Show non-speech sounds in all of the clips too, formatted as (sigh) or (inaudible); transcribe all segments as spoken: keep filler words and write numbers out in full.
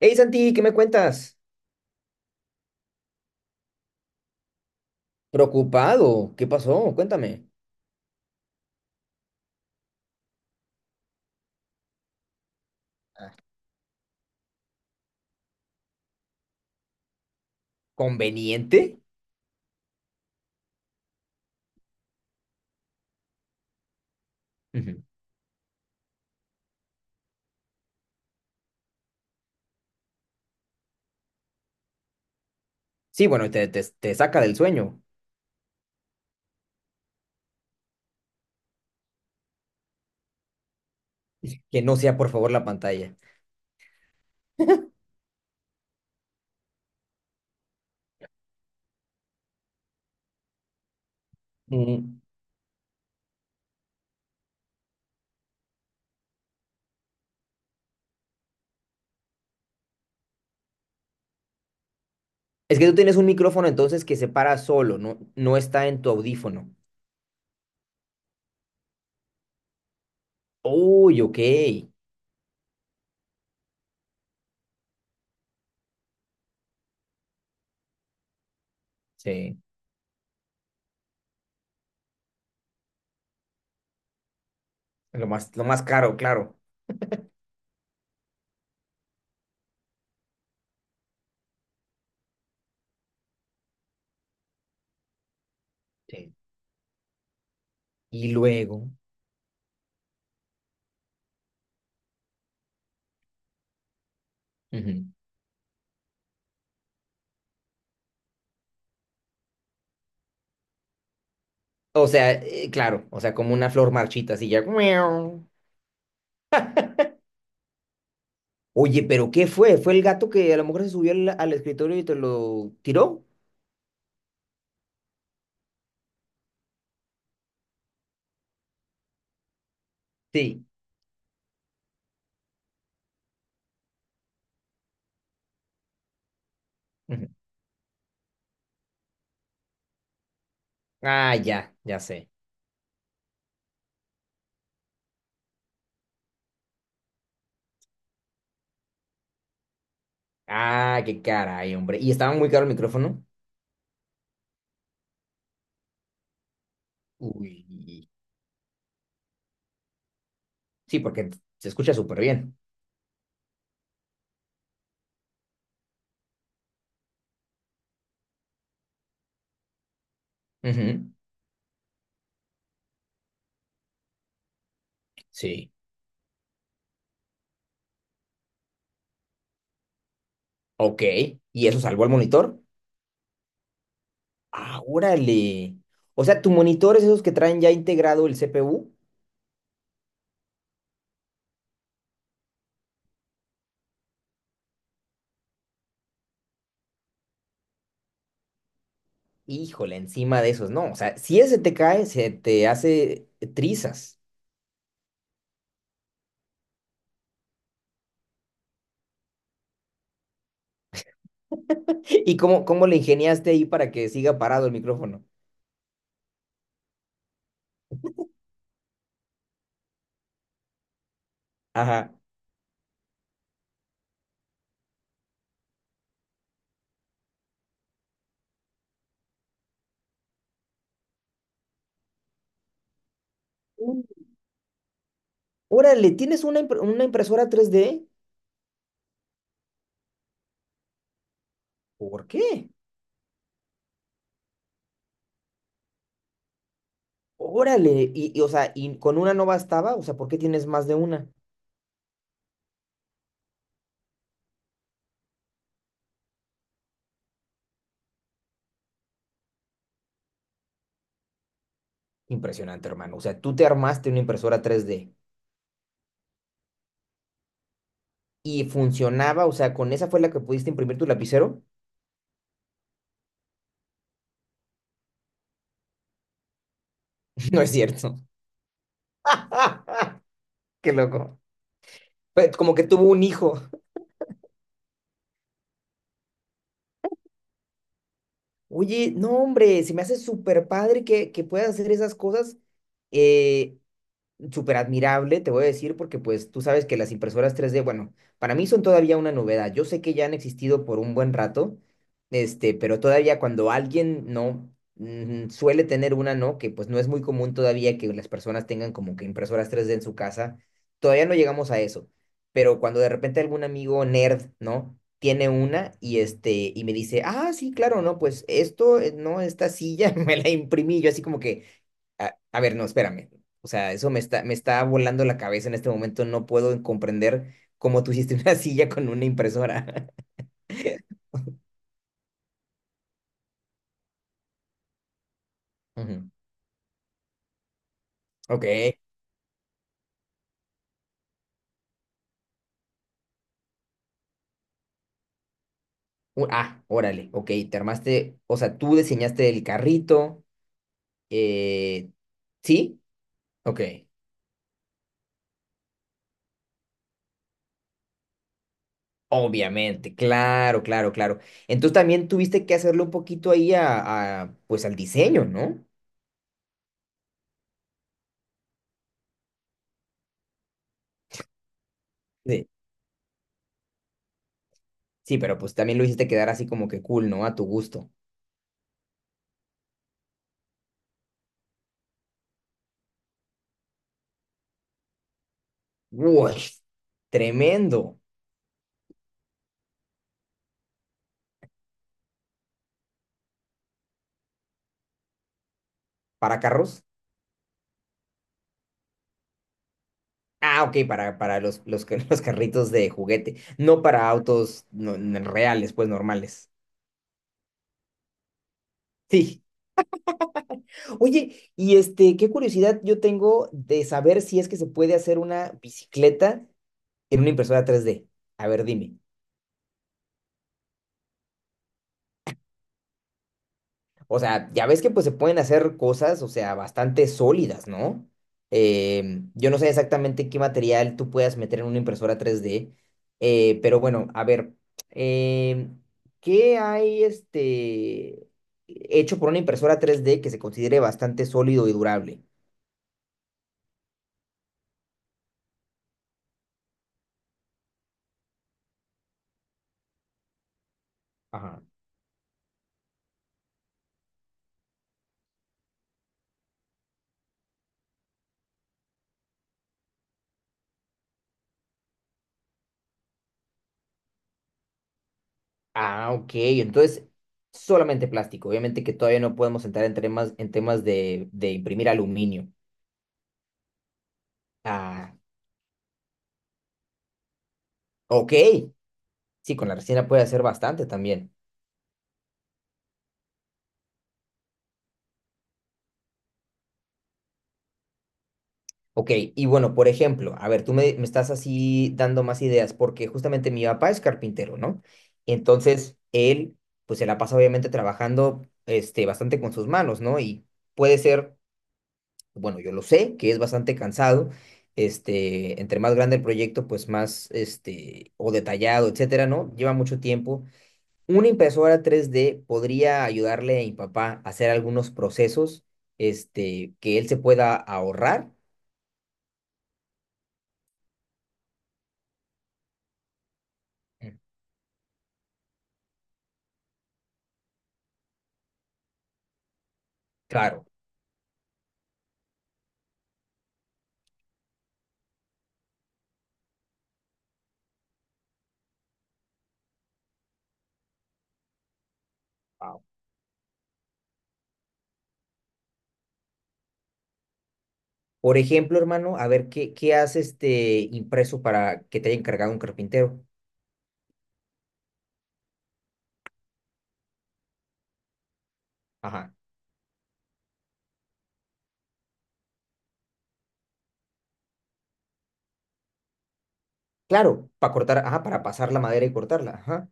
Hey Santi, ¿qué me cuentas? Preocupado, ¿qué pasó? Cuéntame. Ah. ¿Conveniente? Ujú. Sí, bueno, te, te, te saca del sueño. Que no sea, por favor, la pantalla. Mm. Es que tú tienes un micrófono entonces que se para solo, no, no está en tu audífono. Uy, ok. Sí, lo más, lo más caro, claro. Sí. Y luego. Ujú. O sea, eh, claro, o sea, como una flor marchita, así ya. Miau. Oye, pero ¿qué fue? ¿Fue el gato que a lo mejor se subió al, al escritorio y te lo tiró? Sí. Ujú. Ah, ya, ya sé. Ah, qué caray, hombre. ¿Y estaba muy caro el micrófono? Uy. Sí, porque se escucha súper bien. Ujú. Sí. Ok. ¿Y eso salvó el monitor? Ah, órale. O sea, tu monitor es esos que traen ya integrado el C P U. Híjole, encima de esos, no. O sea, si ese te cae, se te hace trizas. (laughs) ¿Y cómo, cómo le ingeniaste ahí para que siga parado el micrófono? Ajá. Mm. Órale, ¿tienes una, impre- una impresora tres d? ¿Por qué? Órale, y, y, o sea, y con una no bastaba, o sea, ¿por qué tienes más de una? Impresionante, hermano. O sea, tú te armaste una impresora tres d y funcionaba, o sea, con esa fue la que pudiste imprimir tu lapicero. (laughs) No es cierto. (laughs) Qué loco. Pe- Como que tuvo un hijo. Oye, no, hombre, se me hace súper padre que, que puedas hacer esas cosas. eh, súper admirable, te voy a decir, porque pues tú sabes que las impresoras tres d, bueno, para mí son todavía una novedad. Yo sé que ya han existido por un buen rato, este, pero todavía cuando alguien no mm, suele tener una, ¿no? Que pues no es muy común todavía que las personas tengan como que impresoras tres d en su casa, todavía no llegamos a eso. Pero cuando de repente algún amigo nerd, ¿no?, tiene una y este y me dice: "Ah, sí, claro, no, pues esto, eh, no, esta silla (laughs) me la imprimí yo, así como que a, a ver, no, espérame". O sea, eso me está, me está volando la cabeza en este momento. No puedo comprender cómo tú hiciste una (laughs) silla con una impresora. (laughs) Ujú. Ok. U- Ah, órale. Ok, te armaste. O sea, tú diseñaste el carrito. eh, ¿sí? Ok. Obviamente, claro, claro, claro. Entonces también tuviste que hacerlo un poquito ahí a, a, pues al diseño, ¿no? Sí. Sí, pero pues también lo hiciste quedar así como que cool, ¿no? A tu gusto. Uy, tremendo. ¿Para carros? Ah, ok, para, para los, los, ca- (laughs) los carritos de juguete, no para autos no- n- reales, pues normales. Sí. Oye, y este, qué curiosidad yo tengo de saber si es que se puede hacer una bicicleta en una impresora tres d. A ver, dime. O sea, ya ves que pues se pueden hacer cosas, o sea, bastante sólidas, ¿no? Eh, yo no sé exactamente qué material tú puedas meter en una impresora tres d, eh, pero bueno, a ver, eh, ¿qué hay este hecho por una impresora tres d que se considere bastante sólido y durable? Ajá. Ah, ok, entonces solamente plástico. Obviamente que todavía no podemos entrar en temas, en temas de, de imprimir aluminio. Ah, ok, sí, con la resina puede hacer bastante también. Ok, y bueno, por ejemplo, a ver, tú me, me estás así dando más ideas, porque justamente mi papá es carpintero, ¿no? Entonces, él, pues se la pasa obviamente trabajando, este, bastante con sus manos, ¿no? Y puede ser, bueno, yo lo sé, que es bastante cansado, este, entre más grande el proyecto, pues más, este, o detallado, etcétera, ¿no? Lleva mucho tiempo. Una impresora tres d podría ayudarle a mi papá a hacer algunos procesos, este, que él se pueda ahorrar. Claro. Wow. Por ejemplo, hermano, a ver, ¿qué, qué has este impreso para que te haya encargado un carpintero? Ajá. Claro, para cortar, ajá, para pasar la madera y cortarla. Ajá.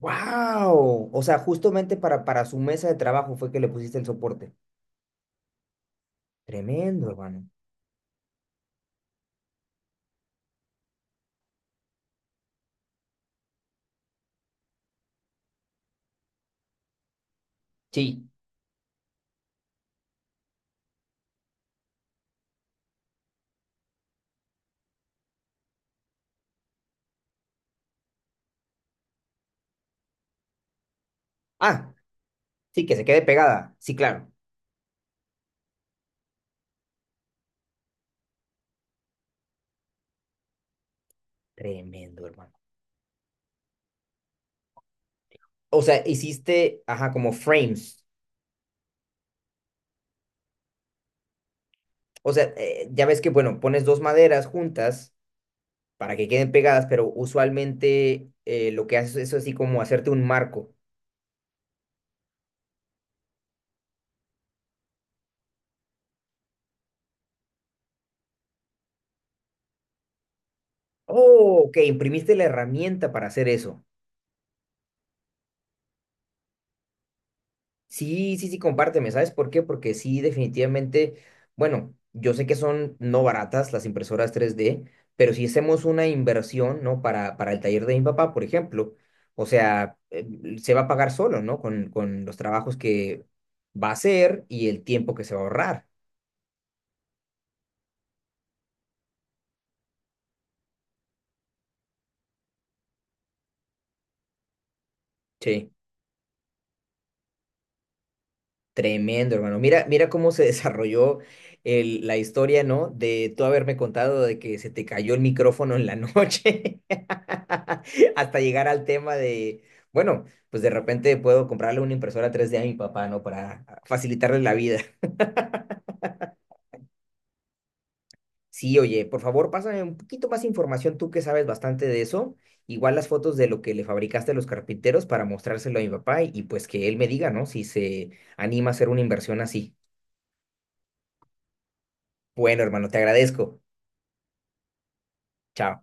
¡Wow! O sea, justamente para, para su mesa de trabajo fue que le pusiste el soporte. Tremendo, hermano. Sí. Ah, sí, que se quede pegada. Sí, claro. Tremendo, hermano. O sea, hiciste, ajá, como frames. O sea, eh, ya ves que, bueno, pones dos maderas juntas para que queden pegadas, pero usualmente eh, lo que haces es así como hacerte un marco. Oh, ok, imprimiste la herramienta para hacer eso. Sí, sí, sí, compárteme. ¿Sabes por qué? Porque sí, definitivamente, bueno, yo sé que son no baratas las impresoras tres d, pero si hacemos una inversión, ¿no? Para, para el taller de mi papá, por ejemplo, o sea, eh, se va a pagar solo, ¿no? Con, con los trabajos que va a hacer y el tiempo que se va a ahorrar. Sí. Tremendo, hermano. Mira, mira cómo se (laughs) desarrolló el- la historia, ¿no? De tú haberme contado de que se te cayó el micrófono en la noche, (laughs) hasta llegar al tema de, bueno, pues de repente puedo comprarle una impresora tres d a mi papá, ¿no? Para facilitarle la vida. Sí, oye, por favor, pásame un poquito más información, tú que sabes bastante de eso. Igual las fotos de lo que le fabricaste a los carpinteros para mostrárselo a mi papá y, y pues que él me diga, ¿no? Si se anima a hacer una inversión así. Bueno, hermano, te agradezco. Chao.